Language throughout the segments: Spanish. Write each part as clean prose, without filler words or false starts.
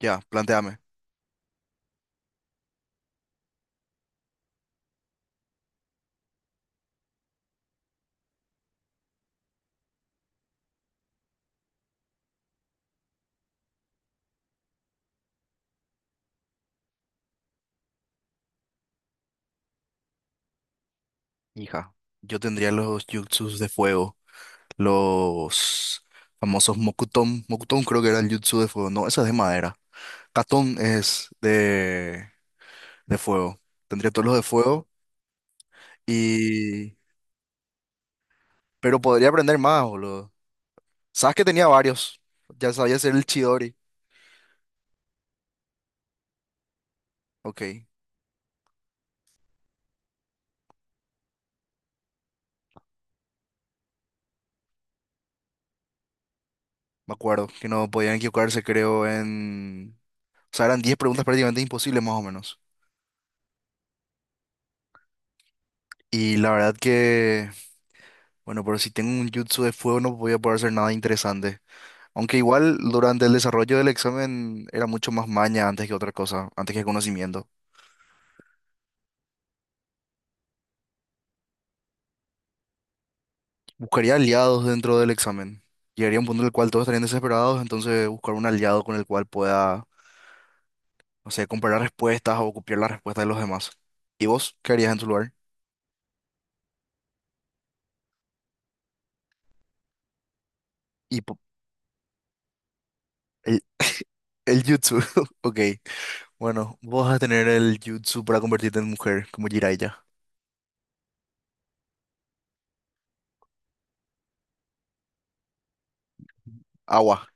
Ya, planteame. Hija, yo tendría los jutsus de fuego, los famosos Mokuton. Mokuton creo que era el jutsu de fuego. No, esa es de madera. Katon es de fuego. Tendría todos los de fuego y... Pero podría aprender más, boludo. Sabes que tenía varios. Ya sabía hacer el Chidori. Ok, me acuerdo que no podían equivocarse, creo, en... O sea, eran 10 preguntas prácticamente imposibles, más o menos. Y la verdad que... Bueno, pero si tengo un jutsu de fuego no voy a poder hacer nada interesante. Aunque igual durante el desarrollo del examen era mucho más maña antes que otra cosa, antes que conocimiento. Buscaría aliados dentro del examen. Llegaría a un punto en el cual todos estarían desesperados, entonces buscar un aliado con el cual pueda, no sé, comparar respuestas o copiar las respuestas de los demás. ¿Y vos qué harías en tu lugar? Y po- el, el jutsu. Ok. Bueno, vos vas a tener el jutsu para convertirte en mujer, como Jiraiya. Agua.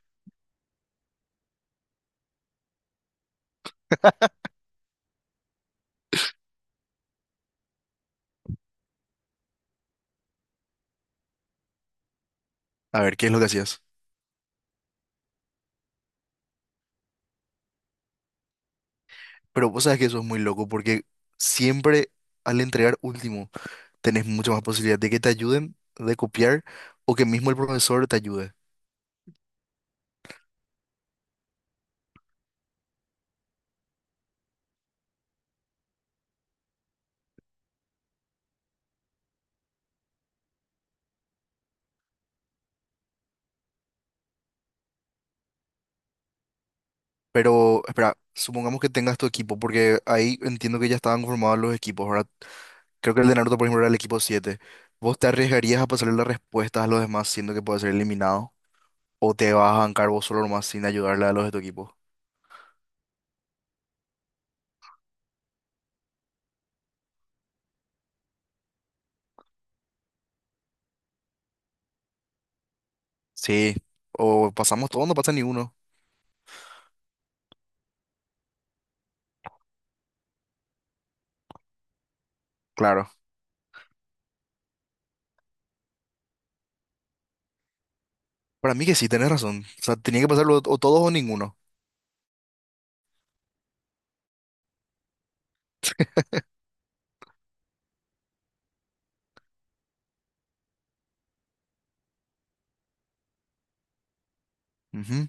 A ver, ¿qué es lo que hacías? Pero vos sabes que eso es muy loco porque siempre al entregar último tenés mucha más posibilidad de que te ayuden, de copiar o que mismo el profesor te ayude. Pero espera, supongamos que tengas tu equipo porque ahí entiendo que ya estaban conformados los equipos, ¿verdad? Creo que el de Naruto, por ejemplo, era el equipo siete. ¿Vos te arriesgarías a pasarle las respuestas a los demás siendo que puede ser eliminado? ¿O te vas a bancar vos solo nomás sin ayudarle a los de tu equipo? Sí, o pasamos todos, no pasa ni uno. Claro, para mí que sí, tenés razón. O sea, tenía que pasarlo o todos o ninguno. Ujú.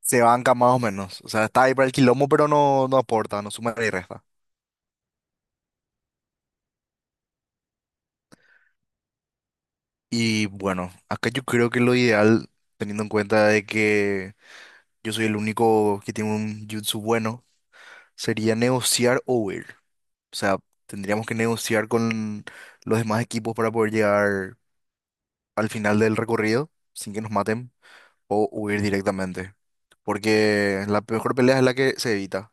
Se banca más o menos. O sea, está ahí para el quilombo, pero no, no aporta, no suma ni resta. Y bueno, acá yo creo que lo ideal, teniendo en cuenta de que yo soy el único que tiene un jutsu bueno, sería negociar o huir. O sea, tendríamos que negociar con los demás equipos para poder llegar al final del recorrido sin que nos maten. O huir directamente. Porque la mejor pelea es la que se evita.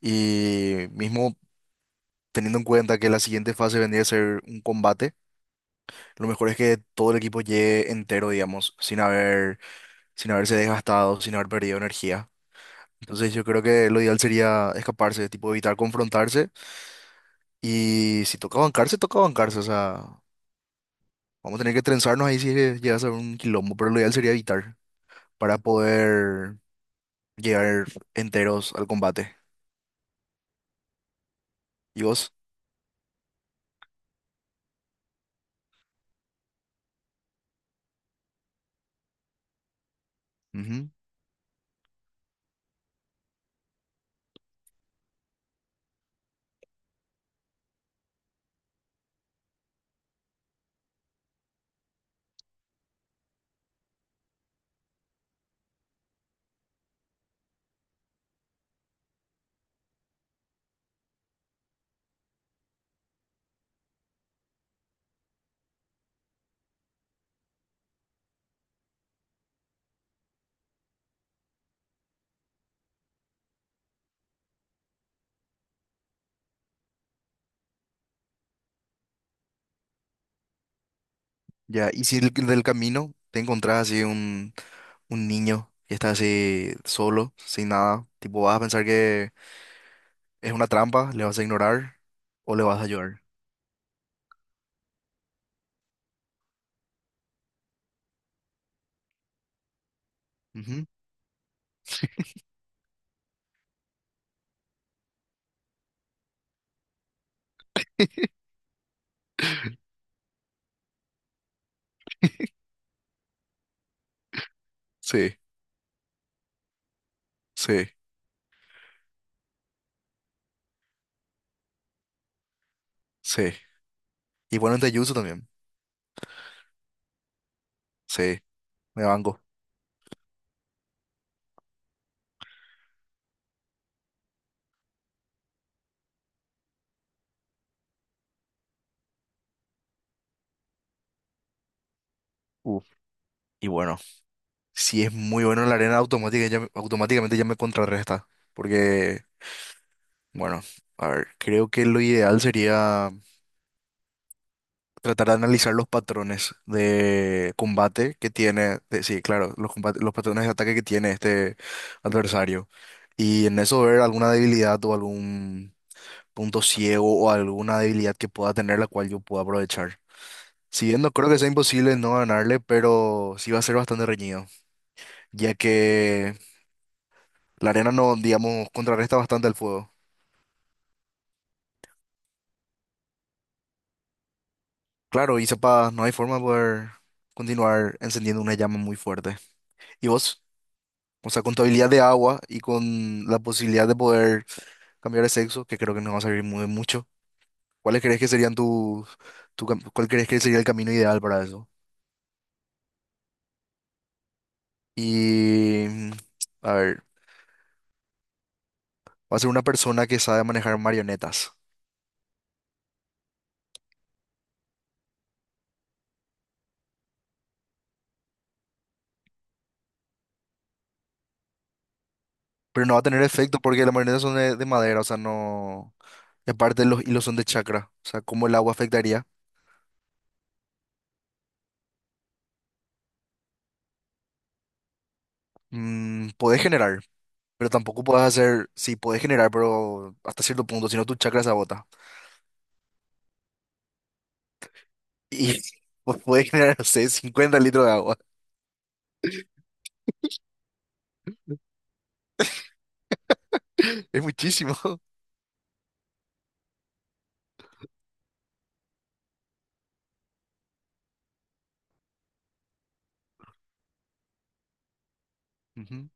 Y mismo teniendo en cuenta que la siguiente fase vendría a ser un combate, lo mejor es que todo el equipo llegue entero, digamos, sin haberse desgastado, sin haber perdido energía. Entonces yo creo que lo ideal sería escaparse, tipo evitar confrontarse. Y si toca bancarse, toca bancarse. O sea, vamos a tener que trenzarnos ahí si llega a ser un quilombo, pero lo ideal sería evitar para poder llegar enteros al combate. ¿Y vos? Ujú. Ya, y si del camino te encontrás así un niño que está así solo, sin nada, tipo vas a pensar que es una trampa, ¿le vas a ignorar o le vas a ayudar? Ujú. Sí, sí, sí. Y bueno, en Tejutsu también. Sí, me banco. Uf, y bueno, si es muy bueno en la arena automática, ya, automáticamente ya me contrarresta. Porque, bueno, a ver, creo que lo ideal sería tratar de analizar los patrones de combate que tiene, sí, claro, los patrones de ataque que tiene este adversario. Y en eso ver alguna debilidad o algún punto ciego o alguna debilidad que pueda tener la cual yo pueda aprovechar. Si bien no creo que sea imposible no ganarle, pero sí va a ser bastante reñido, ya que la arena no, digamos, contrarresta bastante el fuego. Claro, y sepa, no hay forma de poder continuar encendiendo una llama muy fuerte. ¿Y vos? O sea, con tu de agua y con la posibilidad de poder cambiar de sexo, que creo que nos va a servir muy mucho. ¿Cuáles crees que serían cuál crees que sería el camino ideal para eso? Y, mm, a ver, va a ser una persona que sabe manejar marionetas, pero no va a tener efecto porque las marionetas son de madera, o sea, no... Y aparte los hilos son de chakra, o sea, ¿cómo el agua afectaría? Mm, podés generar, pero tampoco podés hacer, sí, podés generar, pero hasta cierto punto, si no tu chakra se agota. Y puede generar, no sé, 50 litros de agua. Es muchísimo. Ujú.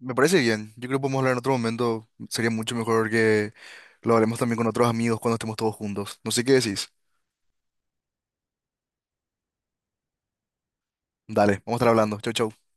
Me parece bien. Yo creo que podemos hablar en otro momento. Sería mucho mejor que lo hablemos también con otros amigos cuando estemos todos juntos. No sé qué decís. Dale, vamos a estar hablando. Chau, chau.